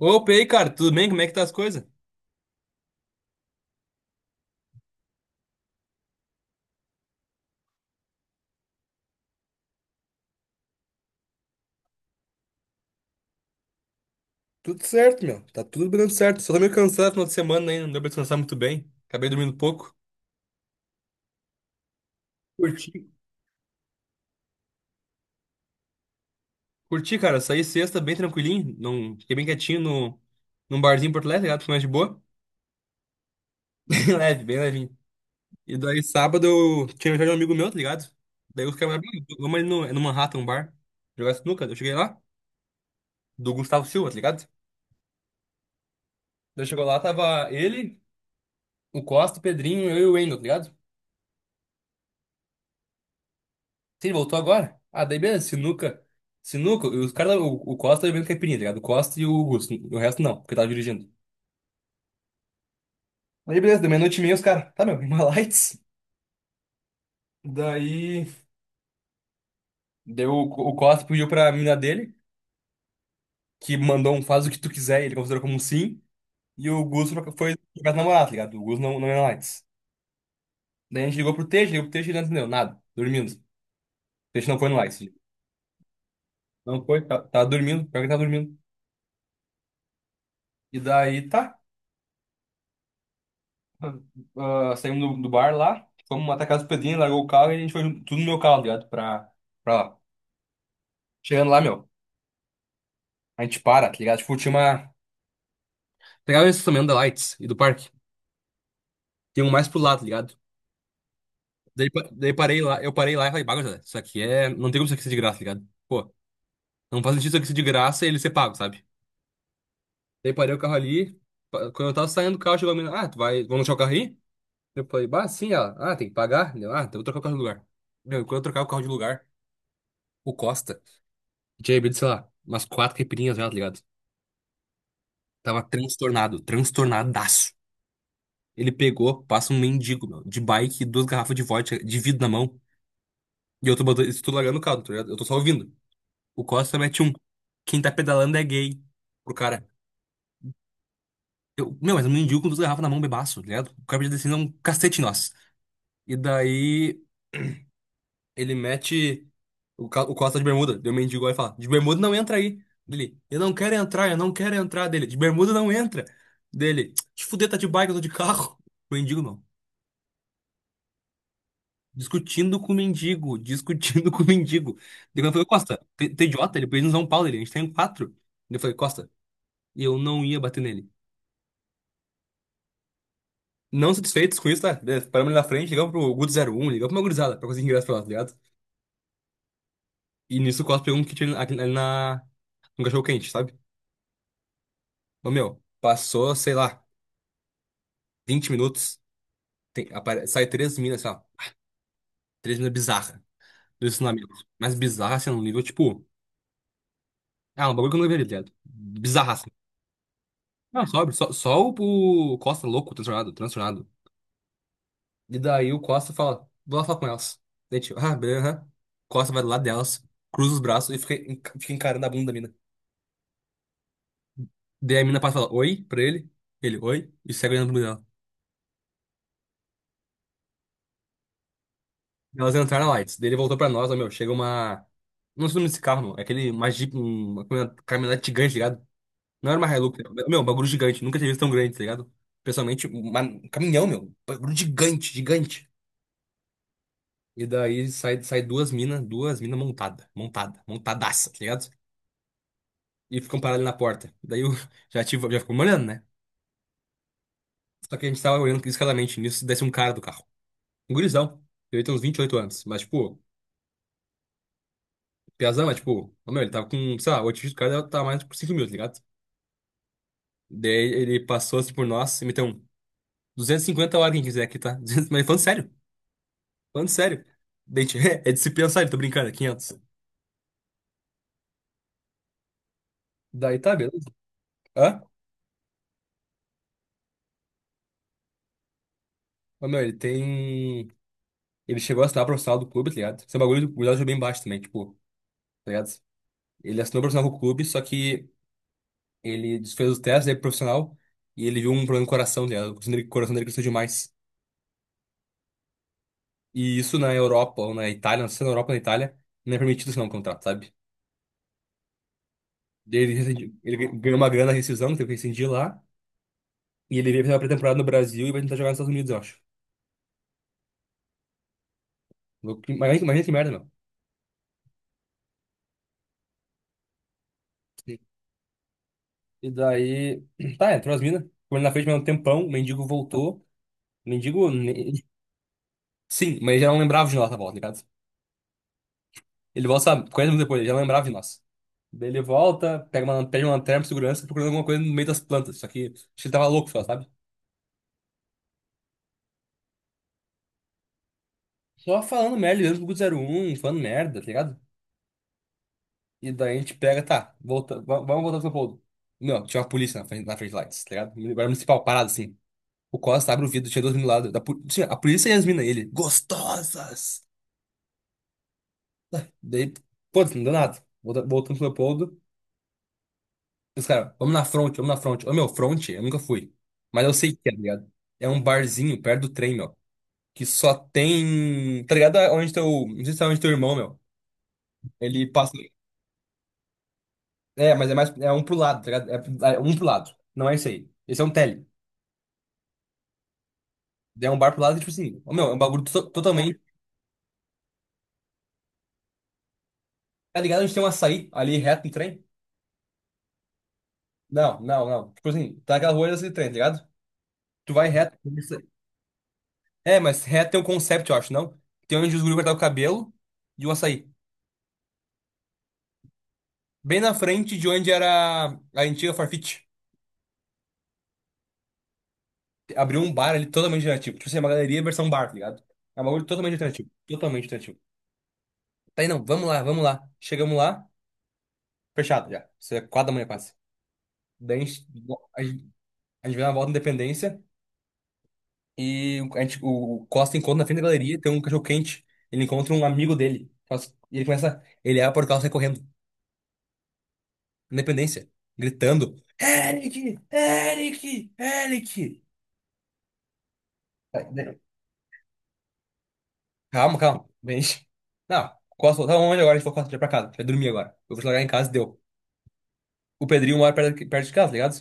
Opa, e aí, cara, tudo bem? Como é que tá as coisas? Tudo certo, meu. Tá tudo dando certo. Só tô meio cansado no final de semana, né? Não deu pra descansar muito bem. Acabei dormindo pouco. Curti. Curti, cara. Saí sexta bem tranquilinho. Não. Fiquei bem quietinho no... num barzinho em Porto Alegre, tá ligado? Fiquei mais de boa. Bem leve, bem levinho. E daí sábado eu tinha aniversário de um amigo meu, tá ligado? Daí os caras, Ah, vamos ali no Manhattan, um bar, jogar sinuca. Eu cheguei lá, do Gustavo Silva, tá ligado? Daí chegou lá, tava ele, o Costa, o Pedrinho, eu e o Wendel, tá ligado? Sim, ele voltou agora. Ah, daí beleza, sinuca. Sinuca, os caras, o Costa tá bebendo caipirinha, tá ligado? O Costa e o Augusto. O resto não, porque tava dirigindo. Aí beleza, deu meia-noite e meia, os caras. Tá, meu, uma lights. Daí. Deu, o Costa pediu pra mina dele, que mandou um faz o que tu quiser, e ele considerou como um sim. E o Augusto foi jogar com a namorada, tá ligado? O Augusto não, não ia na lights. Daí a gente ligou pro Teixe e ele não entendeu nada, dormindo. O Teixe não foi no lights. Não foi, tava dormindo, pior que ele tava dormindo. E daí tá. Ah, saímos do bar lá, fomos até a casa do Pedrinho, largou o carro e a gente foi tudo no meu carro, tá ligado? Pra lá. Chegando lá, meu, a gente para, tá ligado? Tipo, tinha uma. Pegava esse também da Lights e do parque. Tem um mais pro lado, tá ligado? Daí eu parei lá e falei, Bah, gurizada, isso aqui é. Não tem como isso aqui ser de graça, tá ligado? Pô, não faz sentido isso aqui ser de graça e ele ser pago, sabe? Daí parei o carro ali. Quando eu tava saindo do carro, chegou a menina, ah, tu vai. Vamos deixar o carro aí? Eu falei, bah, sim, ela, ah, tem que pagar. Eu, ah, então eu vou trocar o carro de lugar. Meu, quando eu trocar o carro de lugar, o Costa. E tinha bebido, sei lá, umas quatro caipirinhas já, tá ligado? Tava transtornado, transtornadaço. Ele pegou, passa um mendigo, meu, de bike, duas garrafas de vodka, de vidro na mão. E eu tô botando, isso tudo largando o caldo, tá ligado? Eu tô só ouvindo. O Costa mete um. Quem tá pedalando é gay. Pro cara. Eu, meu, mas um mendigo com duas garrafas na mão, bebaço, tá ligado? O cara podia descer um cacete em nós. E daí. Ele mete o Costa de bermuda. Deu um mendigo e fala: De bermuda não entra aí. Dele: Eu não quero entrar, eu não quero entrar. Dele: De bermuda não entra. Dele: Te fuder, tá de bike, eu tô de carro. O mendigo não. Discutindo com o mendigo, discutindo com o mendigo. Daí eu falei: Costa, tu é idiota? Ele pediu em São Paulo, ele. A gente tem quatro. Daí eu falei: Costa, e eu não ia bater nele. Não satisfeitos com isso, tá? Daí paramos ali na frente, ligamos pro Guto zero um ligamos pra uma gurizada pra conseguir ingresso pra lá, tá ligado? E nisso o Costa pegou um kit ali um cachorro quente, sabe? Ô, meu, passou, sei lá, 20 minutos, tem, sai três minas, sei lá, três minas bizarras do ensinamento. Mas bizarra, assim, num nível, tipo. Ah, um bagulho que eu não veria, tá ligado? Bizarra, assim. Não, sobe, só o Costa louco, transtornado, transtornado. E daí o Costa fala, vou lá falar com elas. Daí, tipo, ah, beleza. Aham. Costa vai do lado delas, cruza os braços e fica encarando a bunda da mina. Daí a mina passa e fala, oi, pra ele. Ele, oi, e segue olhando pro. Elas entraram lá, e ele voltou pra nós, ó, meu, chega uma. Não sei o nome desse carro, meu. É aquele mais jeep, uma caminhonete gigante, tá ligado? Não era uma Hilux, né? Meu, um bagulho gigante. Nunca tinha visto tão grande, tá ligado? Pessoalmente, um caminhão, meu. Um bagulho gigante, gigante. E daí sai duas minas montadas, montada, montada, montadaça, tá ligado? E ficam paradas ali na porta. Daí eu já, tive, já ficou me olhando, né? Só que a gente tava olhando criticamente nisso, desce um cara do carro. Um gurizão. Ele tem uns 28 anos, mas tipo, piazão, mas tipo, ó, meu, ele tava com, sei lá, o atingir do cara tava mais por 5 mil, tá ligado? Daí ele passou assim por nós e meteu um 250 horas quem quiser aqui, tá? 200, mas falando sério, falando sério. Daí, a gente, é disciplina, sabe? Tô brincando, é 500. Daí tá, beleza. Hã? Ô, meu, ele tem. Ele chegou a assinar o profissional do clube, tá ligado? Esse é um bagulho do Gurial bem baixo também, tipo, tá ligado? Ele assinou o profissional com o clube, só que ele fez os testes aí pro profissional e ele viu um problema no coração, tá ligado? O coração dele cresceu demais. E isso na Europa ou na Itália, não sei se é na Europa ou na Itália, não é permitido assinar um contrato, sabe? Daí ele ganhou uma grana na rescisão, teve que rescindir lá. E ele veio fazer uma pré-temporada no Brasil e vai tentar jogar nos Estados Unidos, eu acho. Louco, imagina que merda, meu. E daí, tá, entrou as minas. Ficou ali na frente mais um tempão, o mendigo voltou. O mendigo, sim, mas ele já não lembrava de nós na volta, ligado? Ele volta, sabe, 40 minutos depois, ele já não lembrava de nós. Daí ele volta, pega uma, pede uma lanterna pro segurança, procurando alguma coisa no meio das plantas. Só que acho que ele tava louco só, sabe? Só falando merda, ligando pro Guto zero um, falando merda, tá ligado? E daí a gente pega, tá, volta, vamos voltar pro São Paulo. Não, tinha uma polícia na frente lá, tá ligado? Guarda municipal, parado assim. O Costa abre o vidro, tinha duas meninas lá. Tinha a polícia e as minas, ele. Gostosas! Daí, pô, não deu nada. Voltando pro Leopoldo. Os caras, vamos na front, vamos na front. Ô, meu, front, eu nunca fui. Mas eu sei que é, tá ligado? É um barzinho perto do trem, meu. Que só tem. Tá ligado? Onde teu. Não sei se é onde teu irmão, meu. Ele passa. É, mas é mais. É um pro lado, tá ligado? É um pro lado. Não é isso aí. Esse é um tele. É um bar pro lado, tipo assim. Ô, meu, é um bagulho totalmente. Tá ligado? A gente tem um açaí ali reto no trem. Não, não, não. Tipo assim, tá aquela rua desse trem, tá ligado? Tu vai reto. É, mas reto tem um concept, eu acho, não? Tem onde os guri cortavam o cabelo e o açaí. Bem na frente de onde era a antiga Farfetch. Abriu um bar ali totalmente alternativo. Tipo assim, é uma galeria versão bar, tá ligado? É um bagulho totalmente alternativo. Totalmente alternativo. Tá. Aí não, vamos lá, vamos lá. Chegamos lá, fechado já. Isso é 4 da manhã quase. Daí a gente a gente vai dar uma volta na Independência. E a gente, o Costa encontra na frente da galeria, tem um cachorro quente. Ele encontra um amigo dele. Nossa. E ele começa. Ele abre o portal e sai correndo. Independência. Gritando. Eric! Eric! Eric! Tá, né? Calma, calma. Bem. Não, Costa, tá onde agora? A gente foi Costa, já pra casa. Vai dormir agora. Eu vou te largar em casa e deu. O Pedrinho mora perto, perto de casa, tá ligado?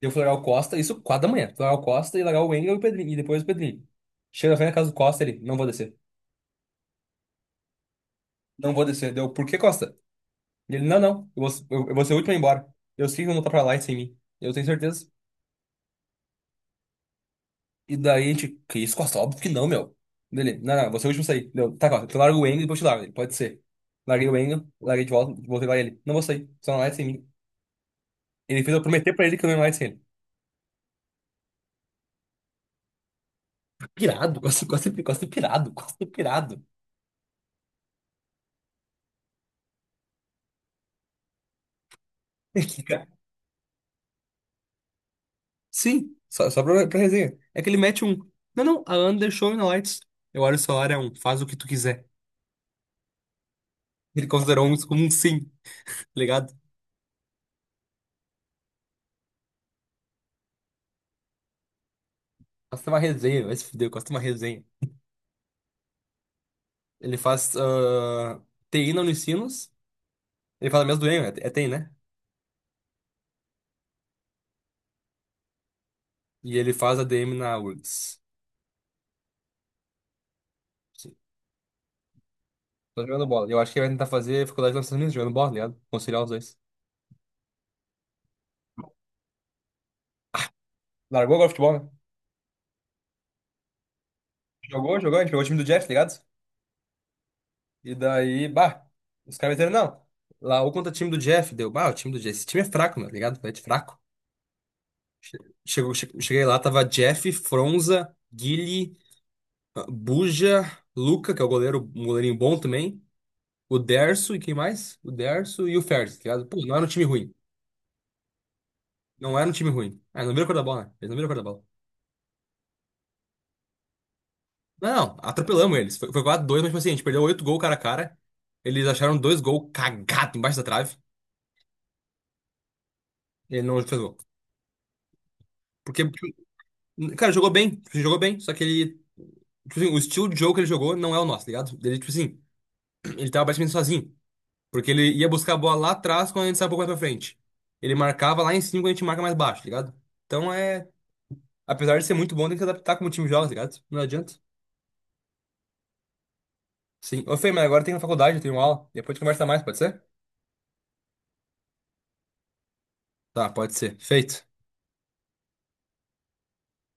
Eu fui largar o Costa, isso 4 da manhã. Fui largar o Costa e largar o Engel e o Pedrinho. E depois o Pedrinho. Chega na frente da casa do Costa, ele. Não vou descer. Não vou descer. Deu. Por que, Costa? Ele, não, não, eu vou ser o último a ir embora. Eu sei que não tá pra lá sem mim. Eu tenho certeza. E daí a gente, que isso, Costa? Óbvio que não, meu. Dele, não, não, você é o último a sair. Deu, tá, Costa, tu larga o Engel e depois te largo. Ele, pode ser. Larguei o Engel, larguei de volta, voltei lá e ele. Não vou sair, só não vai sem mim. Ele fez eu prometer pra ele que eu não ia mais sem ele. Pirado, Costa, Costa, Costa pirado, Costa pirado. Que, cara, sim, só pra resenha. É que ele mete um. Não, não, a Ana deixou na lights. Eu olho o celular, é um, faz o que tu quiser. Ele considerou isso como um sim, tá ligado? Costa é uma resenha, vai se fuder, Costa é uma resenha. Ele faz TI na Unicinos, ele faz a mesma do EM, é TI, né? E ele faz a ADM na URGS. Sim. Tô jogando bola. Eu acho que ele vai tentar fazer faculdade nos Estados Unidos, jogando bola, tá ligado? Conciliar os dois. Largou agora o futebol, né? Jogou, jogou, a gente pegou o time do Jeff, tá ligado? E daí, bah, os caras disseram, não. Lá, ou contra o time do Jeff, deu, bah, o time do Jeff, esse time é fraco, meu, tá ligado? É de fraco. Che- cheguei lá, tava Jeff, Fronza, Guile, Buja, Luca, que é o goleiro, um goleirinho bom também. O Derso e quem mais? O Derso e o Ferdi, tá ligado? Pô, não era um time ruim. Não era um time ruim. Ah, não viram a cor da bola, né? Eles não viram a cor da bola. Não, não, atropelamos eles. Foi 4-2, mas tipo assim, a gente perdeu 8 gols cara a cara. Eles acharam dois gols cagados embaixo da trave. Ele não fez gol. Porque, tipo, cara, jogou bem. Tipo, ele jogou bem, só que ele. Tipo assim, o estilo de jogo que ele jogou não é o nosso, tá ligado? Ele, tipo assim, ele tava basicamente sozinho. Porque ele ia buscar a bola lá atrás quando a gente saiu um pouco mais pra frente. Ele marcava lá em cima quando a gente marca mais baixo, tá ligado? Então é. Apesar de ser muito bom, tem que se adaptar como o time joga, tá ligado? Não adianta. Sim. Ô, Fê, mas agora tem na faculdade, eu tenho aula. Depois a gente conversa mais, pode ser? Tá, pode ser. Feito.